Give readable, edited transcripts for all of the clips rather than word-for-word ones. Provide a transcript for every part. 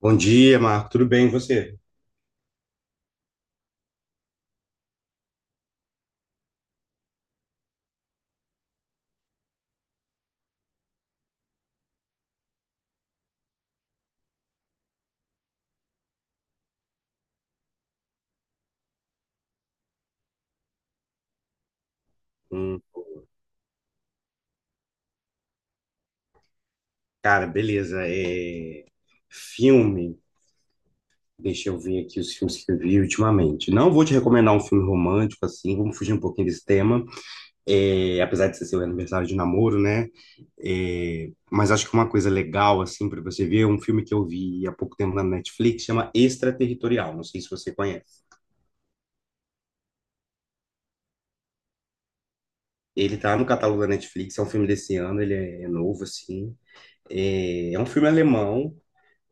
Bom dia, Marco. Tudo bem, e você? Hum, cara, beleza. Filme. Deixa eu ver aqui os filmes que eu vi ultimamente. Não vou te recomendar um filme romântico, assim, vamos fugir um pouquinho desse tema. Apesar de ser seu aniversário de namoro, né? Mas acho que uma coisa legal, assim, para você ver, é um filme que eu vi há pouco tempo na Netflix, chama Extraterritorial. Não sei se você conhece. Ele tá no catálogo da Netflix, é um filme desse ano, ele é novo, assim. É um filme alemão.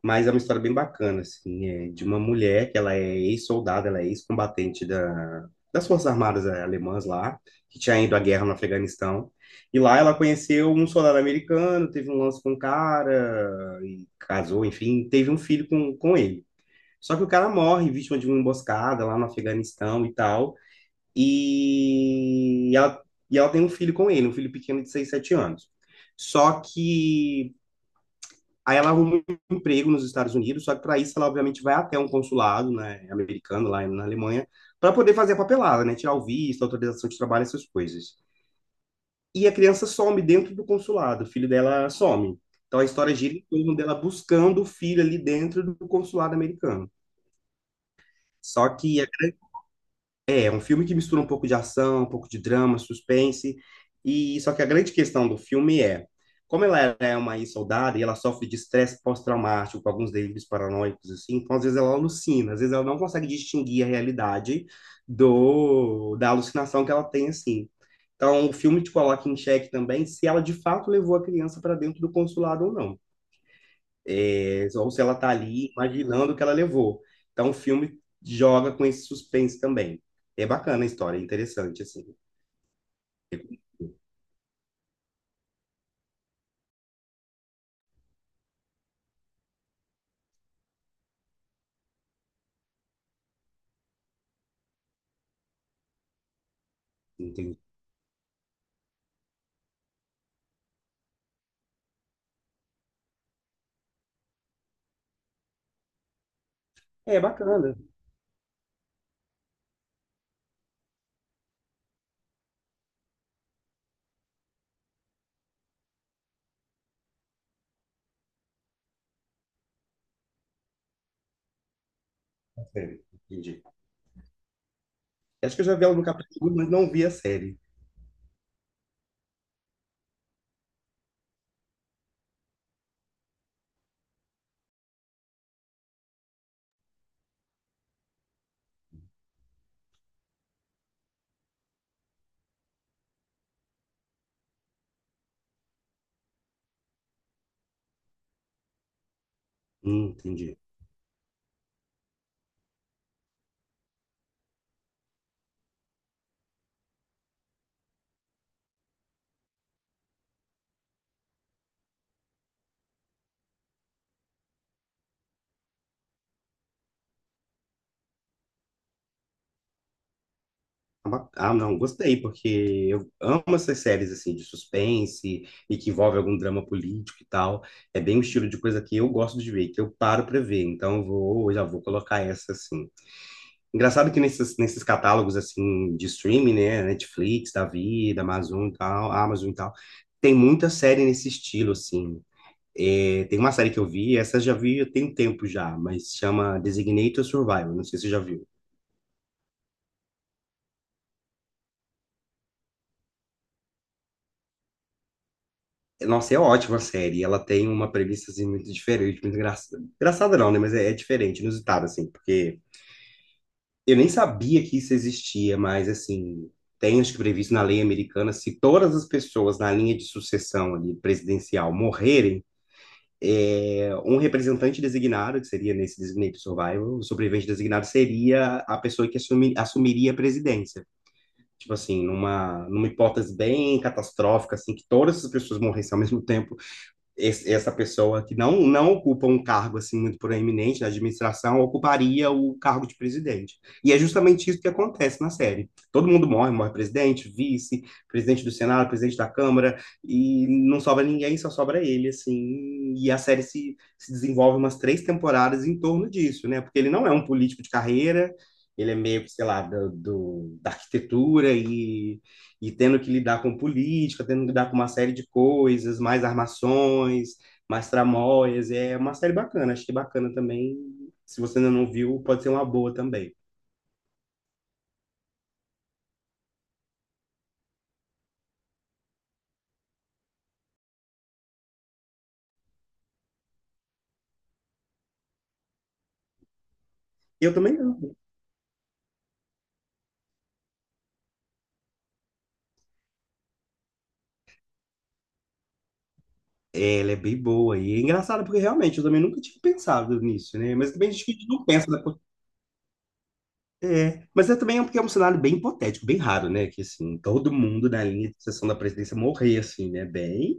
Mas é uma história bem bacana, assim, é de uma mulher que ela é ex-soldada, ela é ex-combatente das Forças Armadas alemãs lá, que tinha ido à guerra no Afeganistão. E lá ela conheceu um soldado americano, teve um lance com um cara, e casou, enfim, teve um filho com ele. Só que o cara morre vítima de uma emboscada lá no Afeganistão e tal, e ela, e ela tem um filho com ele, um filho pequeno de 6 7 anos. Só que Aí ela arruma um emprego nos Estados Unidos, só que para isso ela obviamente vai até um consulado, né, americano lá na Alemanha, para poder fazer a papelada, né, tirar o visto, autorização de trabalho, essas coisas. E a criança some dentro do consulado, o filho dela some. Então a história gira em torno dela buscando o filho ali dentro do consulado americano. Só que a É um filme que mistura um pouco de ação, um pouco de drama, suspense, e só que a grande questão do filme é, como ela é uma ex-soldada e ela sofre de estresse pós-traumático, com alguns delírios paranoicos, assim, então às vezes ela alucina, às vezes ela não consegue distinguir a realidade do da alucinação que ela tem, assim. Então o filme te coloca em xeque também se ela de fato levou a criança para dentro do consulado ou não, ou se ela está ali imaginando o que ela levou. Então, o filme joga com esse suspense também. É bacana a história, é interessante, assim. Entendi. É bacana. É, entendi. Acho que eu já vi ela no capítulo, mas não vi a série. Entendi. Ah, não, gostei, porque eu amo essas séries, assim, de suspense e que envolve algum drama político e tal. É bem um estilo de coisa que eu gosto de ver, que eu paro pra ver. Então, eu já vou colocar essa, assim. Engraçado que nesses catálogos assim de streaming, né, Netflix, da vida, Amazon e tal, tem muita série nesse estilo assim. É, tem uma série que eu vi, essa eu já vi tem um tempo já, mas chama Designated Survivor, não sei se você já viu. Nossa, é ótima a série, ela tem uma premissa assim muito diferente, muito engraçada. Engraçada não, né, mas é, é diferente, inusitada assim, porque eu nem sabia que isso existia, mas assim, tem acho que previsto na lei americana, se todas as pessoas na linha de sucessão ali, presidencial morrerem, um representante designado, que seria nesse designated survivor, o sobrevivente designado seria a pessoa que assumiria a presidência. Tipo assim, numa hipótese bem catastrófica, assim, que todas as pessoas morressem ao mesmo tempo, essa pessoa que não ocupa um cargo assim muito proeminente na administração ocuparia o cargo de presidente. E é justamente isso que acontece na série. Todo mundo morre, morre presidente, vice, presidente do Senado, presidente da Câmara, e não sobra ninguém, só sobra ele, assim. E a série se desenvolve umas três temporadas em torno disso, né? Porque ele não é um político de carreira, ele é meio, sei lá, da arquitetura e tendo que lidar com política, tendo que lidar com uma série de coisas, mais armações, mais tramóias. É uma série bacana, achei bacana também. Se você ainda não viu, pode ser uma boa também. Eu também não. É, ela é bem boa e é engraçada porque realmente eu também nunca tinha pensado nisso, né? Mas também acho que a gente não pensa, né? Mas é também porque é um cenário bem hipotético, bem raro, né? Que assim, todo mundo na linha de sucessão da presidência morrer, assim, né? Bem.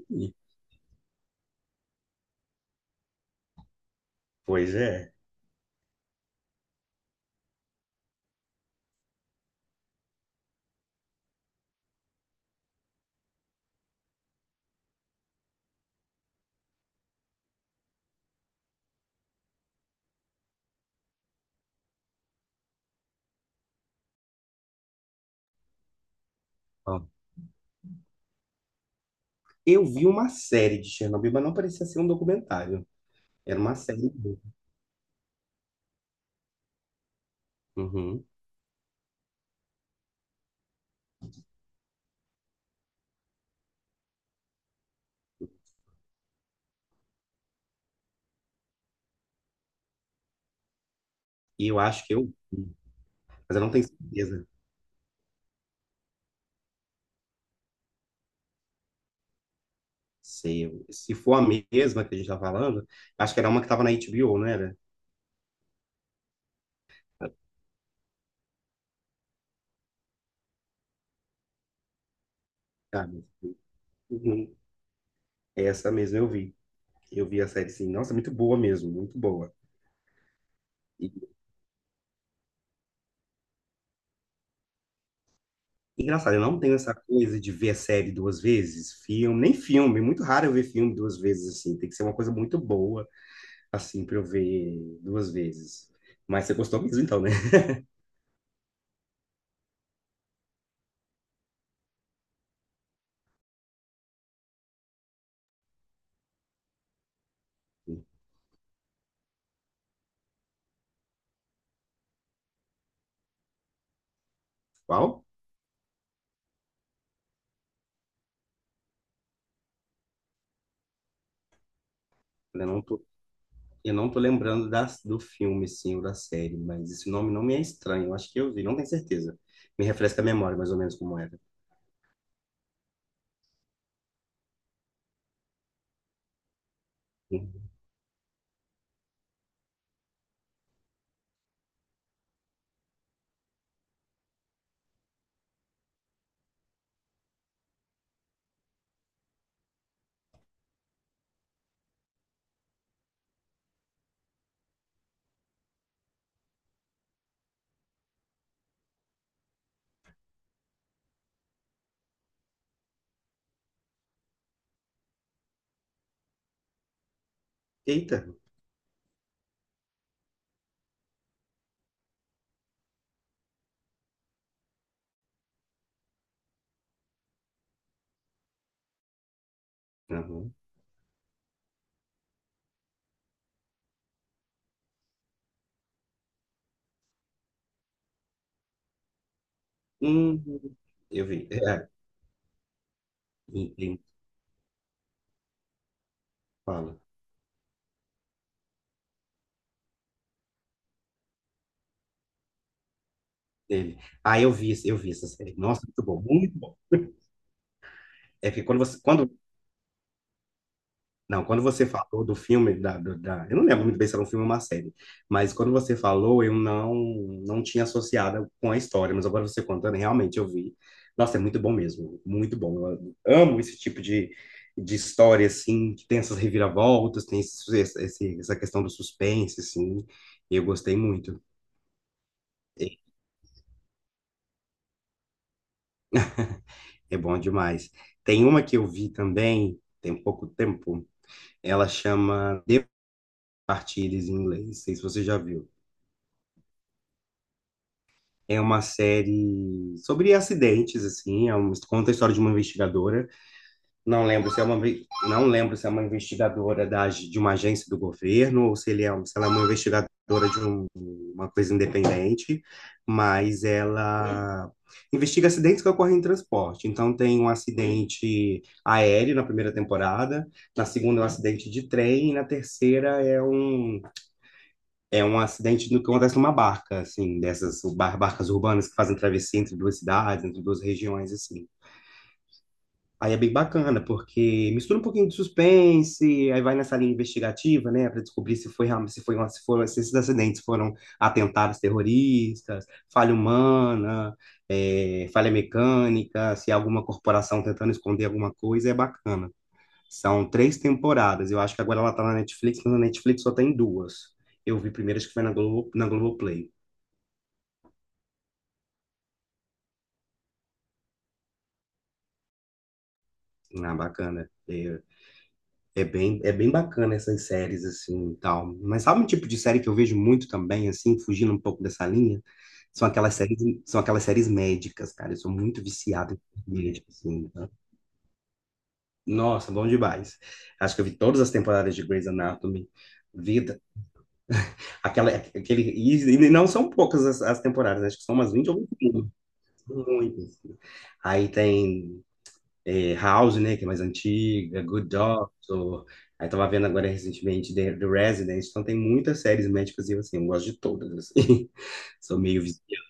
Pois é. Ó, eu vi uma série de Chernobyl, mas não parecia ser um documentário. Era uma série. Uhum. E eu acho que eu vi, mas eu não tenho certeza. Sei. Se for a mesma que a gente tá falando, acho que era uma que tava na HBO, não era? Ah, meu Deus. Uhum. É essa mesmo eu vi. Eu vi a série, sim. Nossa, muito boa mesmo, muito boa. E, engraçado, eu não tenho essa coisa de ver série duas vezes, filme, nem filme. Muito raro eu ver filme duas vezes, assim. Tem que ser uma coisa muito boa, assim, pra eu ver duas vezes. Mas você gostou mesmo, então, né? Qual? Eu não tô Eu não tô lembrando do filme, sim, ou da série, mas esse nome não me é estranho. Eu acho que eu vi, não tenho certeza. Me refresca a memória, mais ou menos, como era. Hum. Eita! Aham. Hum, eu vi. É, ele fala. Ele. Ah, eu vi, eu vi essa série. Nossa, muito bom, muito bom. É que quando você, quando Não, quando você falou do filme, eu não lembro muito bem se era um filme ou uma série, mas quando você falou, eu não não tinha associado com a história, mas agora você contando, realmente eu vi. Nossa, é muito bom mesmo, muito bom. Eu amo esse tipo de história, assim, que tem essas reviravoltas, tem essa questão do suspense, assim, e eu gostei muito, é bom demais. Tem uma que eu vi também, tem pouco tempo, ela chama The Partilles em inglês, não sei se você já viu. É uma série sobre acidentes, assim, conta a história de uma investigadora. Não lembro se é uma, não lembro se é uma investigadora de uma agência do governo ou se ele é, se ela é uma investigadora de uma coisa independente, mas ela investiga acidentes que ocorrem em transporte. Então tem um acidente aéreo na primeira temporada, na segunda é um acidente de trem e na terceira é um acidente no que acontece numa barca, assim, dessas barcas urbanas que fazem travessia entre duas cidades, entre duas regiões, assim. Aí é bem bacana, porque mistura um pouquinho de suspense, aí vai nessa linha investigativa, né, para descobrir se foi realmente- se foi uma, se foram, se esses acidentes foram atentados terroristas, falha humana, falha mecânica, se é alguma corporação tentando esconder alguma coisa, é bacana. São três temporadas. Eu acho que agora ela tá na Netflix, mas na Netflix só tem duas. Eu vi primeiro, acho que foi na Globo, na Globoplay. Ah, bacana. É, é bem bacana essas séries, assim, e tal. Mas sabe um tipo de série que eu vejo muito também, assim, fugindo um pouco dessa linha? São aquelas séries, são aquelas séries médicas, cara. Eu sou muito viciado em médico, assim. Tá? Nossa, bom demais. Acho que eu vi todas as temporadas de Grey's Anatomy. Vida, aquela, aquele, e, e não são poucas as temporadas, acho que são umas 20 ou 21. Muitas. Aí tem House, né, que é mais antiga, Good Doctor. Aí tava vendo agora recentemente The Resident. Então tem muitas séries médicas e eu, assim, eu gosto de todas, assim. Sou meio viciado.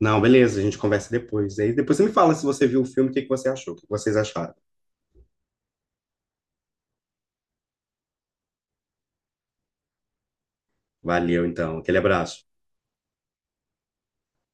Não, beleza, a gente conversa depois. Aí depois você me fala se você viu o filme, o que que você achou, o que que vocês acharam. Valeu, então. Aquele abraço.